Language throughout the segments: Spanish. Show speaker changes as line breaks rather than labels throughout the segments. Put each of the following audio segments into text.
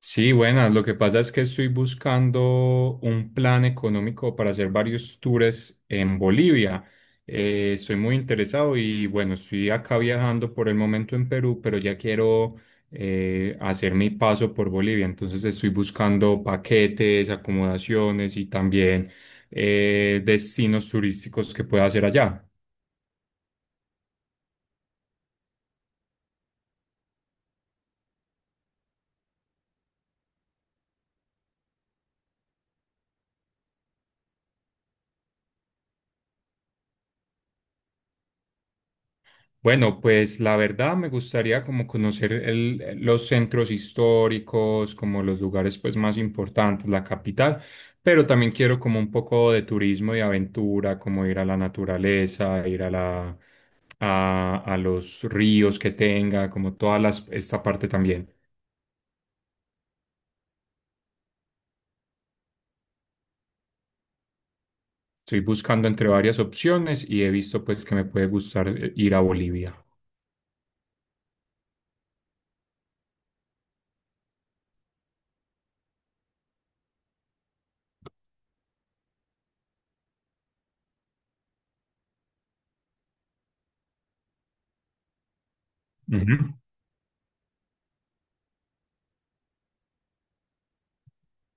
Sí, buenas. Lo que pasa es que estoy buscando un plan económico para hacer varios tours en Bolivia. Estoy muy interesado y bueno, estoy acá viajando por el momento en Perú, pero ya quiero hacer mi paso por Bolivia. Entonces estoy buscando paquetes, acomodaciones y también destinos turísticos que pueda hacer allá. Bueno, pues la verdad me gustaría como conocer los centros históricos, como los lugares pues más importantes, la capital, pero también quiero como un poco de turismo y aventura, como ir a la naturaleza, ir a la a los ríos que tenga, como toda las, esta parte también. Estoy buscando entre varias opciones y he visto pues que me puede gustar ir a Bolivia. Ujú.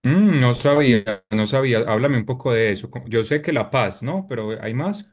Mm, no sabía, no sabía. Háblame un poco de eso. Como... Yo sé que La Paz, ¿no? Pero hay más.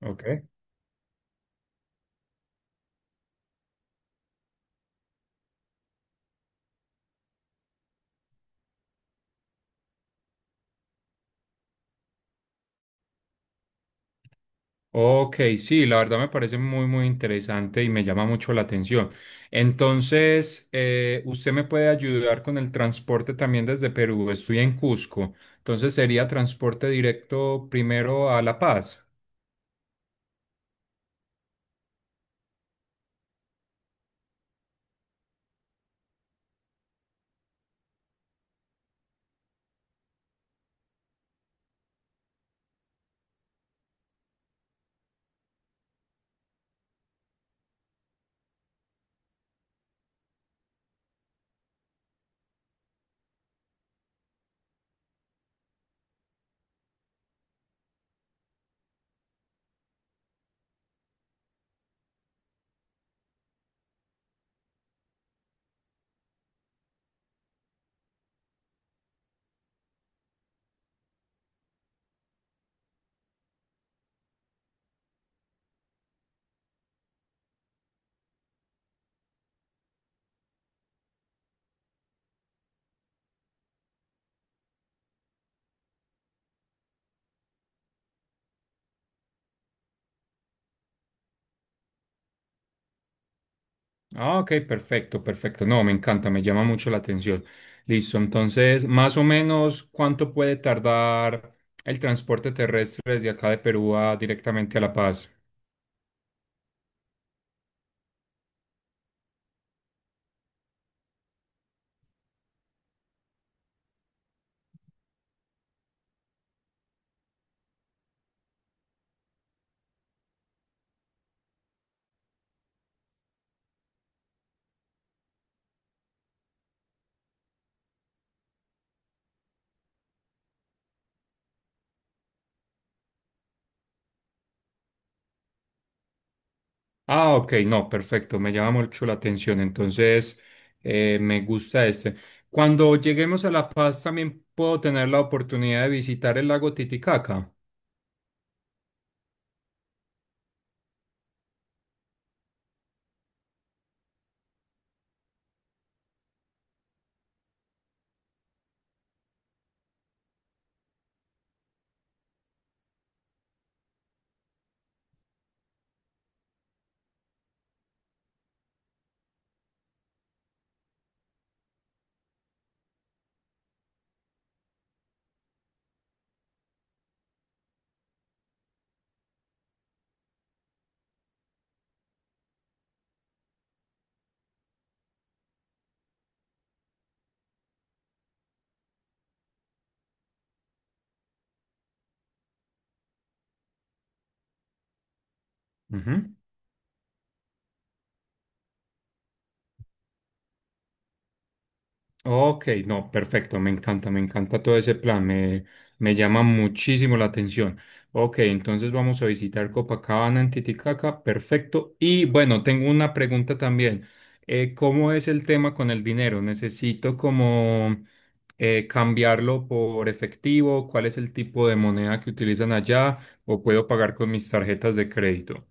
Ok. Ok, sí, la verdad me parece muy, muy interesante y me llama mucho la atención. Entonces, usted me puede ayudar con el transporte también desde Perú. Estoy en Cusco. Entonces, sería transporte directo primero a La Paz. Ah, ok, perfecto, perfecto. No, me encanta, me llama mucho la atención. Listo, entonces, más o menos, ¿cuánto puede tardar el transporte terrestre desde acá de Perú a directamente a La Paz? Ah, ok, no, perfecto, me llama mucho la atención, entonces me gusta este. Cuando lleguemos a La Paz también puedo tener la oportunidad de visitar el lago Titicaca. Ujú. Ok, no, perfecto, me encanta todo ese plan, me llama muchísimo la atención. Ok, entonces vamos a visitar Copacabana en Titicaca, perfecto. Y bueno, tengo una pregunta también. ¿Cómo es el tema con el dinero? ¿Necesito como cambiarlo por efectivo? ¿Cuál es el tipo de moneda que utilizan allá? ¿O puedo pagar con mis tarjetas de crédito?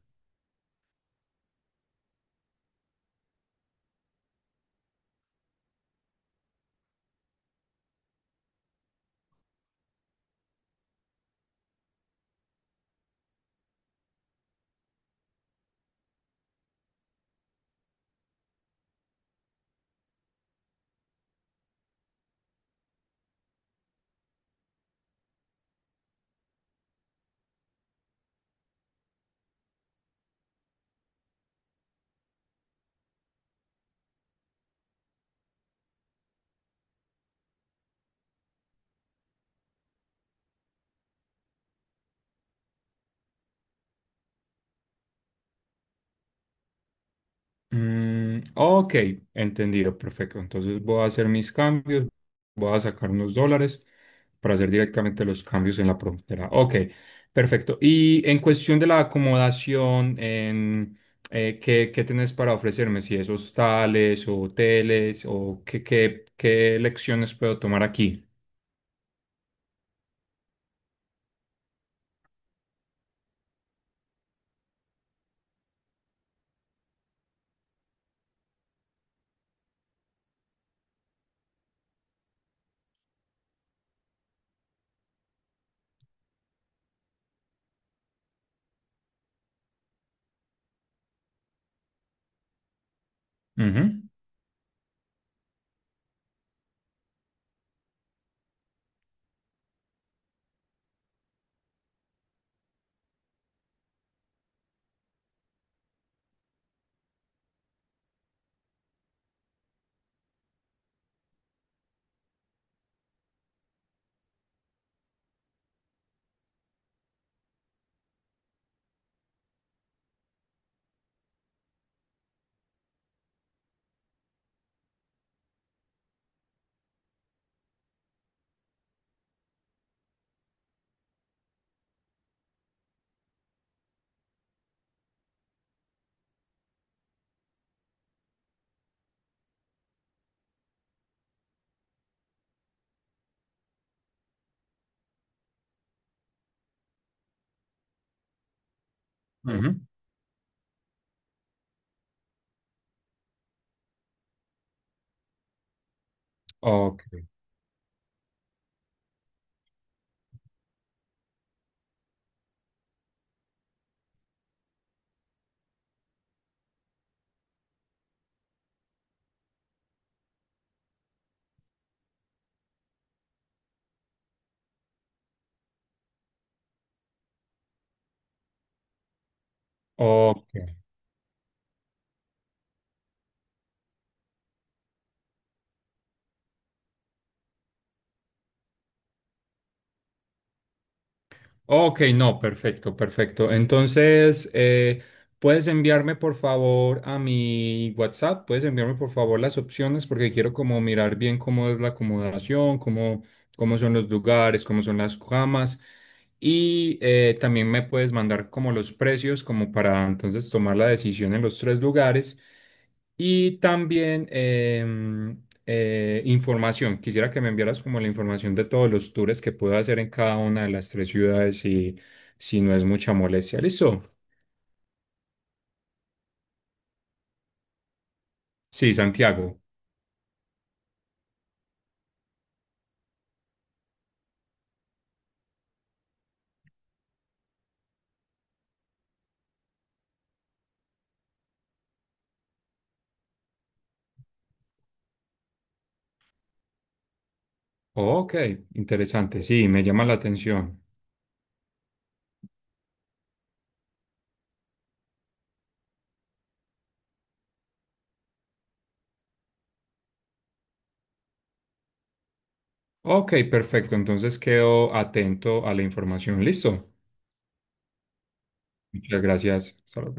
Mm, ok, entendido, perfecto. Entonces voy a hacer mis cambios, voy a sacar unos dólares para hacer directamente los cambios en la frontera. Ok, perfecto. Y en cuestión de la acomodación, en, ¿qué, qué tenés para ofrecerme? Si es hostales o hoteles o qué, qué, qué lecciones puedo tomar aquí. Ujú, ujú. Ok, ok. Ok, no, perfecto, perfecto. Entonces, puedes enviarme por favor a mi WhatsApp, puedes enviarme por favor las opciones porque quiero como mirar bien cómo es la acomodación, cómo, cómo son los lugares, cómo son las camas y también me puedes mandar como los precios como para entonces tomar la decisión en los 3 lugares. Y también información. Quisiera que me enviaras como la información de todos los tours que puedo hacer en cada una de las 3 ciudades y si no es mucha molestia. ¿Listo? Sí, Santiago. Ok, interesante. Sí, me llama la atención. Ok, perfecto. Entonces quedo atento a la información. ¿Listo? Muchas gracias. Hasta luego.